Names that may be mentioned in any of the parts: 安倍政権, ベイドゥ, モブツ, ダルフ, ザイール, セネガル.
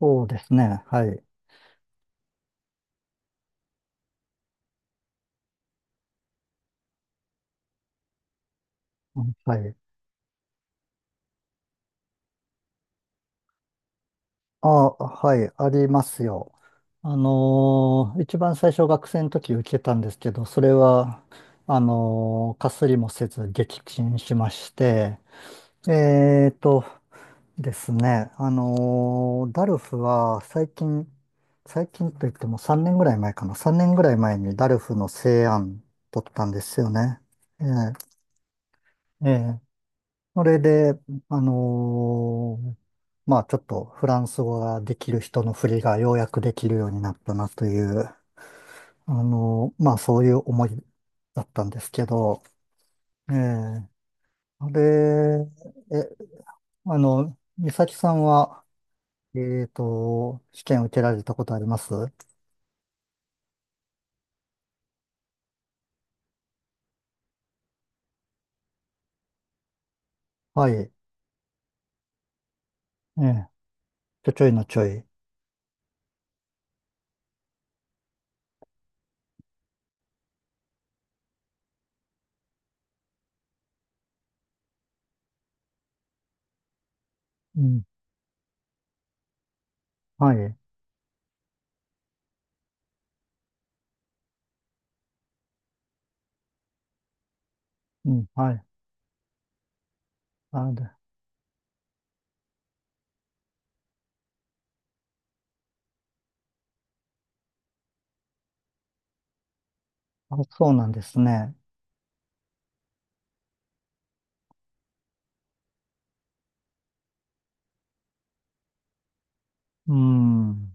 そうですね。はい。うん、はい。あ、はい。ありますよ。一番最初学生の時受けたんですけど、それは、かすりもせず撃沈しまして、えーとですね、ダルフは最近、最近といっても3年ぐらい前かな。3年ぐらい前にダルフの成案取ったんですよね。ええ、ええ、それで、あのーまあちょっとフランス語ができる人の振りがようやくできるようになったなという、まあそういう思いだったんですけど、ええ、あれ、え、美咲さんは、試験受けられたことあります？はい。ええ、ちょちょいのちょい。うん。はい。うん。はい。あ、で、あ、そうなんですね。うん。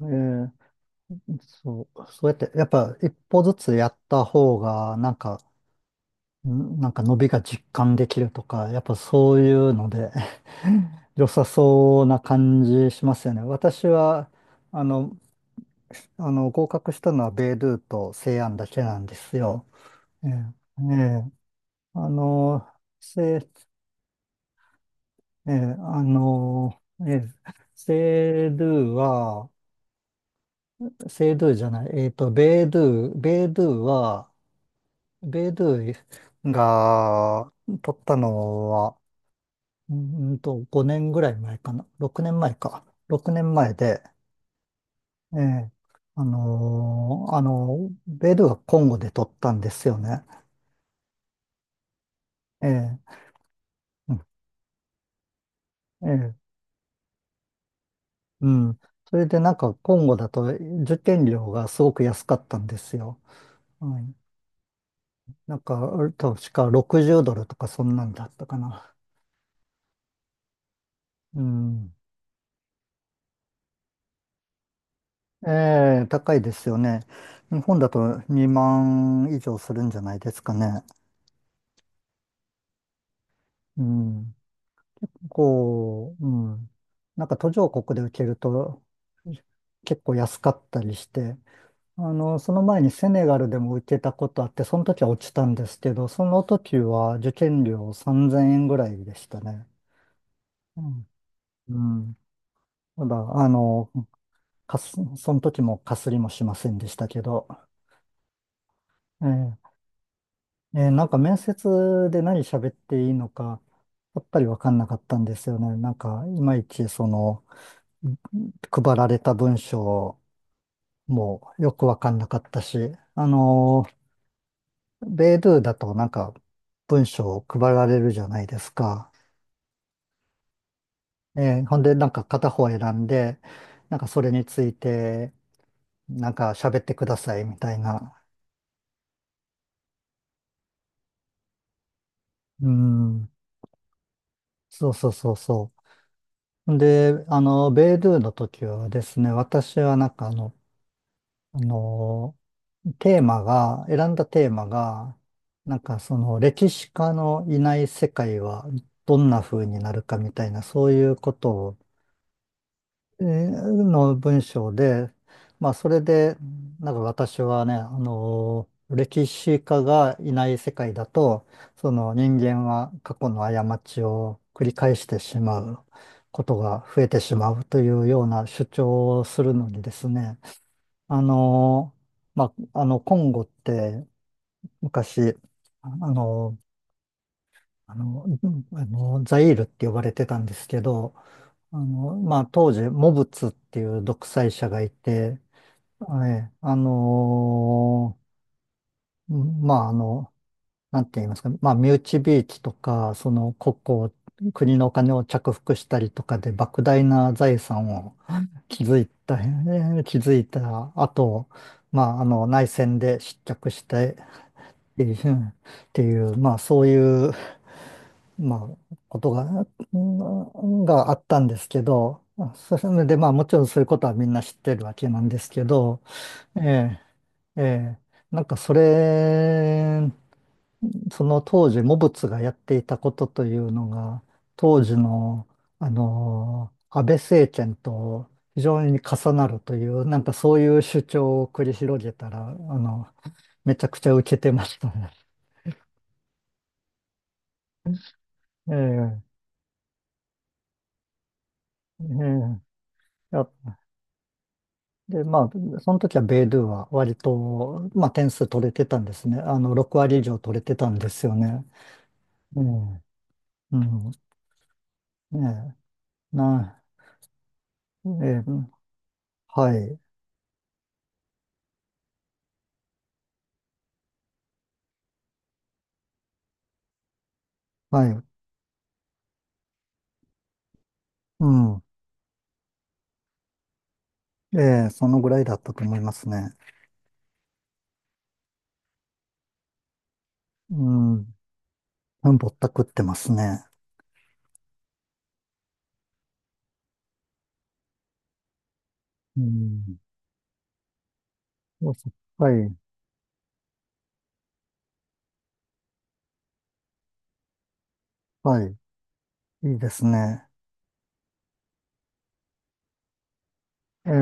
ええ、そう、そうやって、やっぱ一歩ずつやった方が、なんか伸びが実感できるとか、やっぱそういうので 良さそうな感じしますよね。私は、あの、合格したのはベイドゥと西安だけなんですよ。ええ、ええ、あの、せ、ええ、ええ、セイドゥは、セイドゥじゃない、ベイドゥは、ベイドゥイが取ったのは、5年ぐらい前かな。6年前か。6年前で、ええ、ベイドゥイがコンゴで取ったんですよね。ええ、うん、ええ、うん。それでなんか、コンゴだと受験料がすごく安かったんですよ。はい。なんか、確か60ドルとかそんなんだったかな。うん。ええ、高いですよね。日本だと2万以上するんじゃないですかね。うん。うん。なんか途上国で受けると結構安かったりして、その前にセネガルでも受けたことあって、その時は落ちたんですけど、その時は受験料3000円ぐらいでしたね。うん。うん。ただ、その時もかすりもしませんでしたけど、ええ、なんか面接で何喋っていいのか、やっぱりわかんなかったんですよね。なんか、いまいちその、配られた文章もよくわかんなかったし、あのベイドゥだとなんか文章を配られるじゃないですか。ほんでなんか片方選んで、なんかそれについてなんか喋ってくださいみたいな。うん。そうそうそうそう。で、ベイドゥの時はですね、私はなんかあの、テーマが、選んだテーマが、なんかその歴史家のいない世界はどんな風になるかみたいな、そういうことを、えーの文章で、まあそれで、なんか私はね、歴史家がいない世界だと、その人間は過去の過ちを繰り返してしまうことが増えてしまうというような主張をするのにですね、あのまあ、コンゴって昔、あのーザイールって呼ばれてたんですけど、まあ、当時、モブツっていう独裁者がいて、はい、うん、まあ、なんて言いますか、まあ、身内びいきとか、その国庫を、国のお金を着服したりとかで、莫大な財産を築いた後、まあ、あの内戦で失脚してっていう、まあそういう、まあことが、うん、があったんですけど、それでまあもちろんそういうことはみんな知ってるわけなんですけど、ええ、ええ、なんかその当時、モブツがやっていたことというのが、当時の、安倍政権と非常に重なるという、なんかそういう主張を繰り広げたら、めちゃくちゃ受けてましたね。ええ、ええ、や、で、まあ、その時はベイドゥは割と、まあ、点数取れてたんですね。6割以上取れてたんですよね。うん。うん。ねえ、な、ええ、はい。はい。うん。ええ、そのぐらいだったと思いますね。うん。うん、ぼったくってますね。うん。そうそう、はい。はい。いいですね。ええ。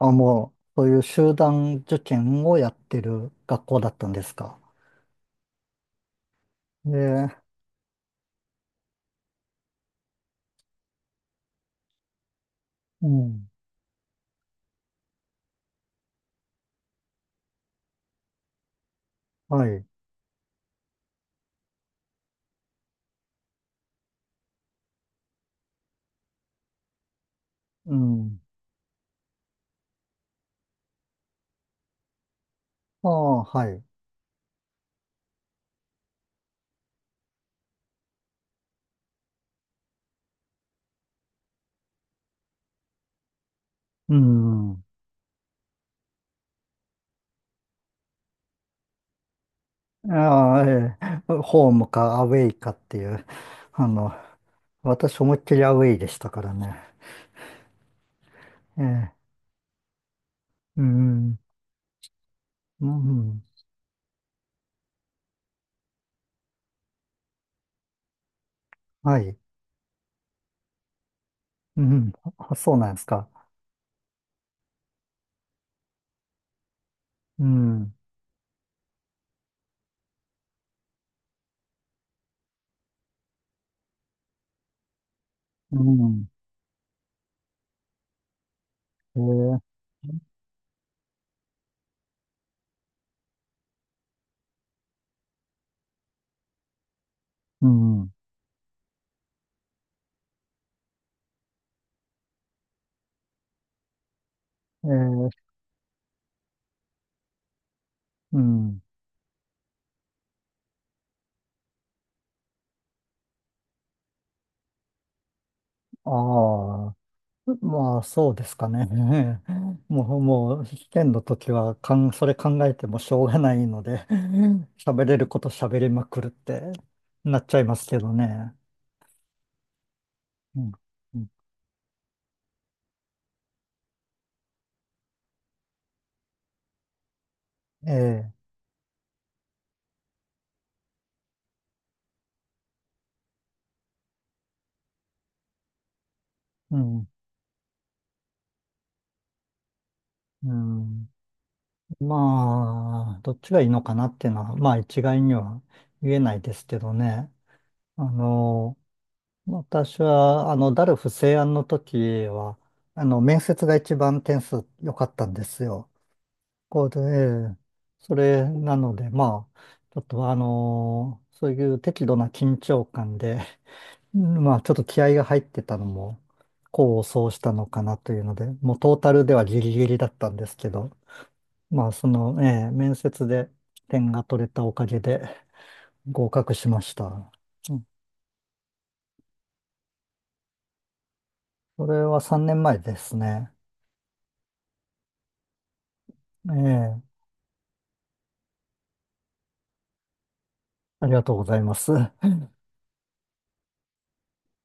あ、もう、そういう集団受験をやってる学校だったんですか。ええ。うん。はい。うん。ああ、はい。うん。ああ、ええ、ホームかアウェイかっていう、あの、私思いっきりアウェイでしたからね。ええ、うん、うん、はい。うん、あ、そうなんですか。うん、うん、ええ、うん、ええ、うん、ああ。まあ、そうですかね。もう、もう、試験の時はそれ考えてもしょうがないので、喋れること喋りまくるってなっちゃいますけどね。うん、うん、ええ、うん、うん。まあ、どっちがいいのかなっていうのは、まあ、一概には言えないですけどね。あの、私は、ダルフ西安の時は、面接が一番点数良かったんですよ。こうで、ええ、それなので、まあ、ちょっとそういう適度な緊張感で、うん、まあ、ちょっと気合が入ってたのも、功を奏したのかなというので、もうトータルではギリギリだったんですけど、まあ、その、ええ、面接で点が取れたおかげで合格しました。うん。それは3年前ですね。ええ、ありがとうございます。